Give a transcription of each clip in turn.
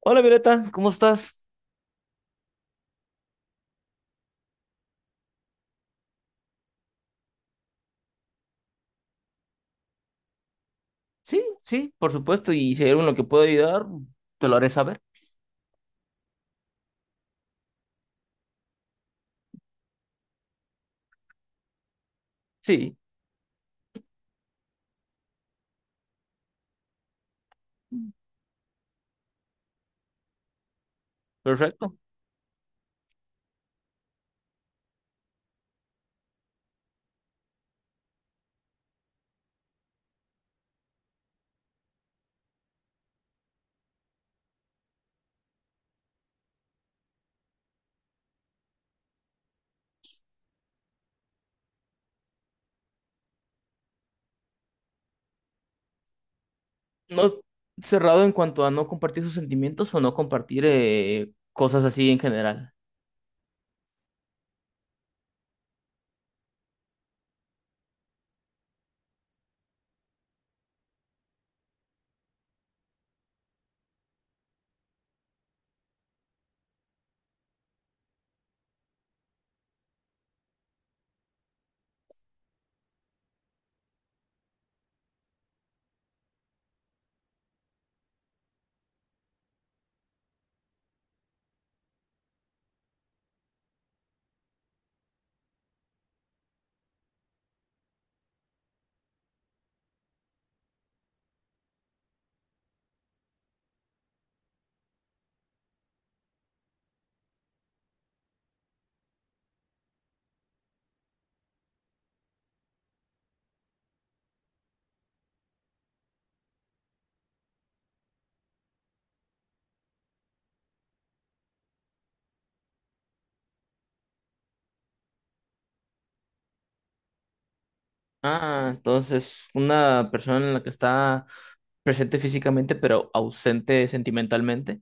Hola Violeta, ¿cómo estás? Sí, sí, por supuesto, y si hay algo en lo que puedo ayudar, te lo haré saber. Sí, perfecto. No cerrado en cuanto a no compartir sus sentimientos o no compartir cosas así en general. Ah, entonces, una persona en la que está presente físicamente, pero ausente sentimentalmente.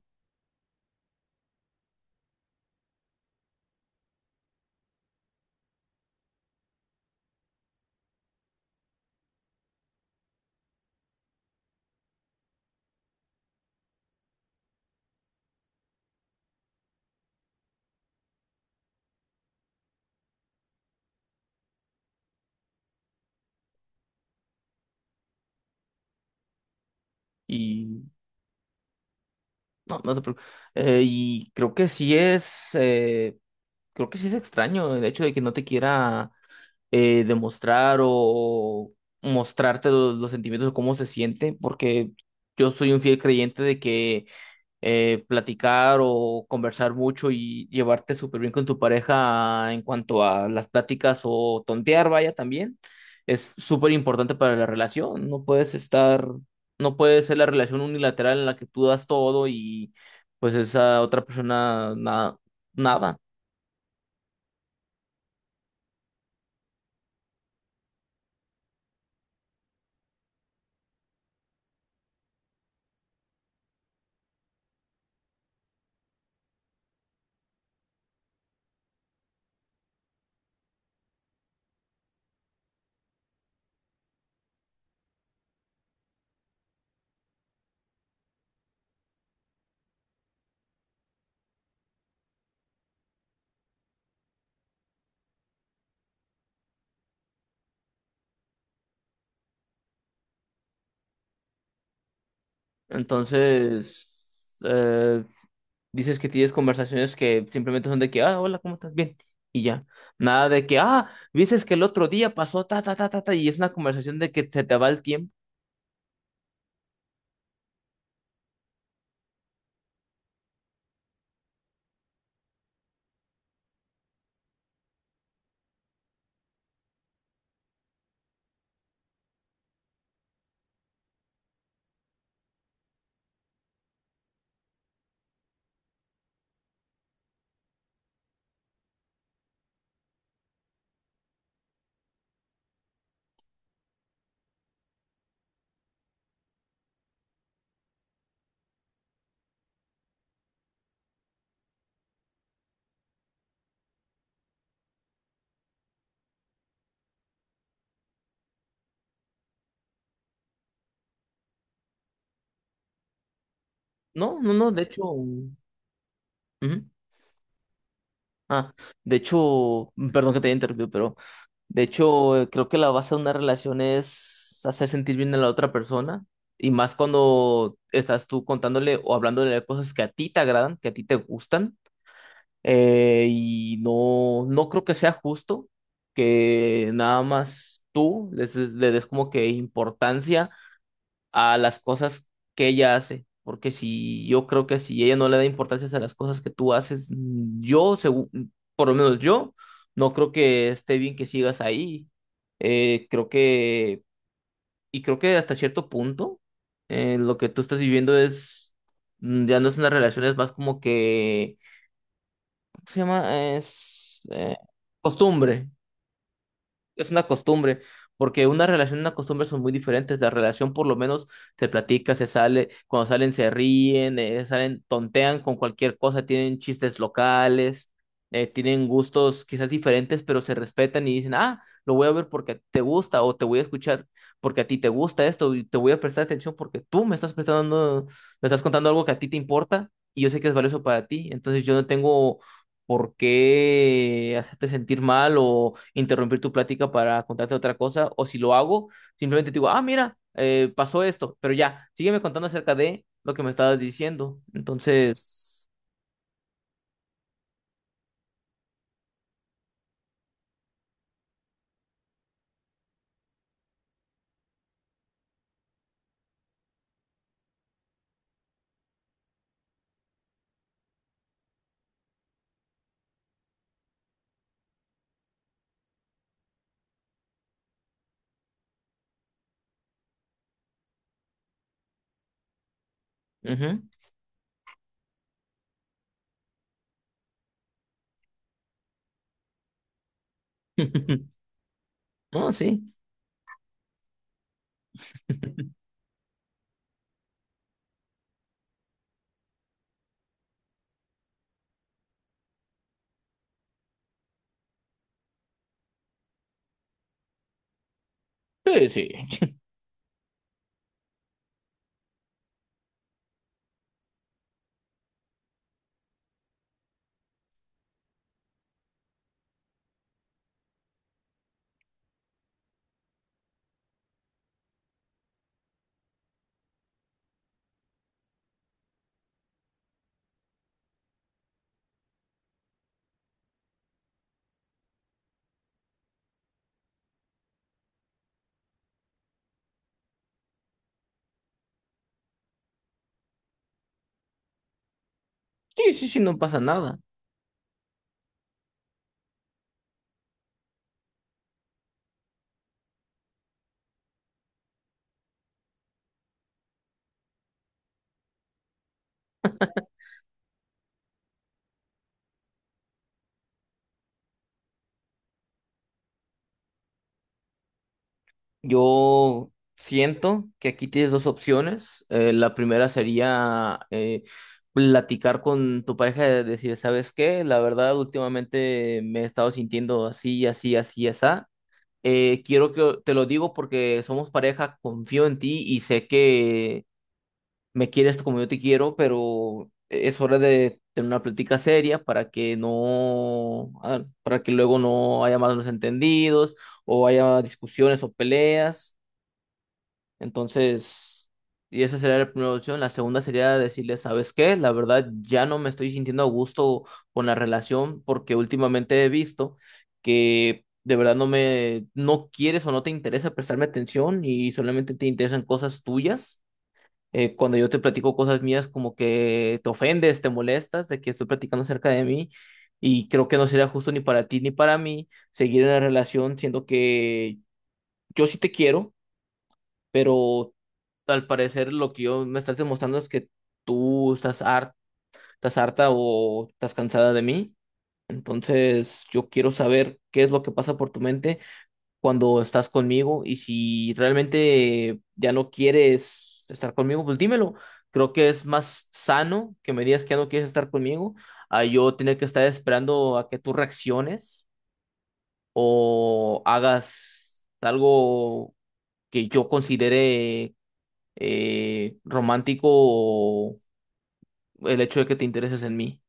Y no, no te preocupes. Y creo que sí es, creo que sí es extraño el hecho de que no te quiera demostrar o mostrarte los sentimientos o cómo se siente, porque yo soy un fiel creyente de que platicar o conversar mucho y llevarte súper bien con tu pareja en cuanto a las pláticas o tontear, vaya, también es súper importante para la relación. No puedes estar, no puede ser la relación unilateral en la que tú das todo y pues esa otra persona nada, nada. Entonces, dices que tienes conversaciones que simplemente son de que, ah, hola, ¿cómo estás? Bien. Y ya. Nada de que, ah, dices que el otro día pasó, ta, ta, ta, ta, ta, y es una conversación de que se te va el tiempo. No, no, no, de hecho. Ujú. Ah, de hecho, perdón que te haya interrumpido, pero de hecho, creo que la base de una relación es hacer sentir bien a la otra persona. Y más cuando estás tú contándole o hablándole de cosas que a ti te agradan, que a ti te gustan. Y no, no creo que sea justo que nada más tú le des como que importancia a las cosas que ella hace. Porque si yo creo que si ella no le da importancia a las cosas que tú haces, yo, por lo menos yo, no creo que esté bien que sigas ahí. Creo que, y creo que hasta cierto punto, lo que tú estás viviendo es, ya no es una relación, es más como que ¿se llama? Es costumbre. Es una costumbre, porque una relación y una costumbre son muy diferentes. La relación por lo menos se platica, se sale, cuando salen se ríen, salen, tontean con cualquier cosa, tienen chistes locales, tienen gustos quizás diferentes, pero se respetan y dicen, ah, lo voy a ver porque te gusta o te voy a escuchar porque a ti te gusta esto y te voy a prestar atención porque tú me estás prestando, me estás contando algo que a ti te importa y yo sé que es valioso para ti, entonces yo no tengo por qué hacerte sentir mal o interrumpir tu plática para contarte otra cosa, o si lo hago, simplemente te digo, ah, mira, pasó esto, pero ya, sígueme contando acerca de lo que me estabas diciendo. Entonces, ujú. No, sí. Sí, sí, sí, sí, sí, no pasa nada. Yo siento que aquí tienes dos opciones. La primera sería platicar con tu pareja y decir, ¿sabes qué? La verdad, últimamente me he estado sintiendo así, así, así, así. Quiero que te lo digo porque somos pareja, confío en ti y sé que me quieres como yo te quiero, pero es hora de tener una plática seria para que no, ah, para que luego no haya malos entendidos o haya discusiones o peleas. Entonces, y esa sería la primera opción. La segunda sería decirle, ¿sabes qué? La verdad, ya no me estoy sintiendo a gusto con la relación porque últimamente he visto que de verdad no me, no quieres o no te interesa prestarme atención y solamente te interesan cosas tuyas. Cuando yo te platico cosas mías, como que te ofendes, te molestas de que estoy platicando acerca de mí y creo que no sería justo ni para ti ni para mí seguir en la relación siendo que yo sí te quiero pero al parecer lo que yo me estás demostrando es que tú estás harta o estás cansada de mí. Entonces, yo quiero saber qué es lo que pasa por tu mente cuando estás conmigo y si realmente ya no quieres estar conmigo, pues dímelo. Creo que es más sano que me digas que ya no quieres estar conmigo a yo tener que estar esperando a que tú reacciones o hagas algo que yo considere romántico o el hecho de que te intereses en mí.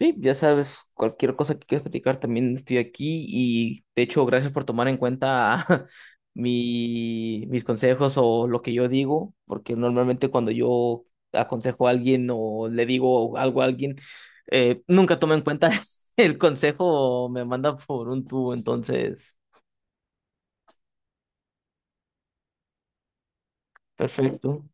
Sí, ya sabes, cualquier cosa que quieras platicar, también estoy aquí y de hecho, gracias por tomar en cuenta mi, mis consejos o lo que yo digo, porque normalmente cuando yo aconsejo a alguien o le digo algo a alguien, nunca toma en cuenta el consejo o me manda por un tubo, entonces, perfecto.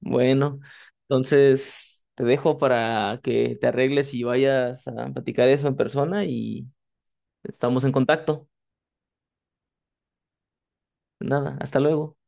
Bueno, entonces te dejo para que te arregles y vayas a platicar eso en persona y estamos en contacto. Nada, hasta luego.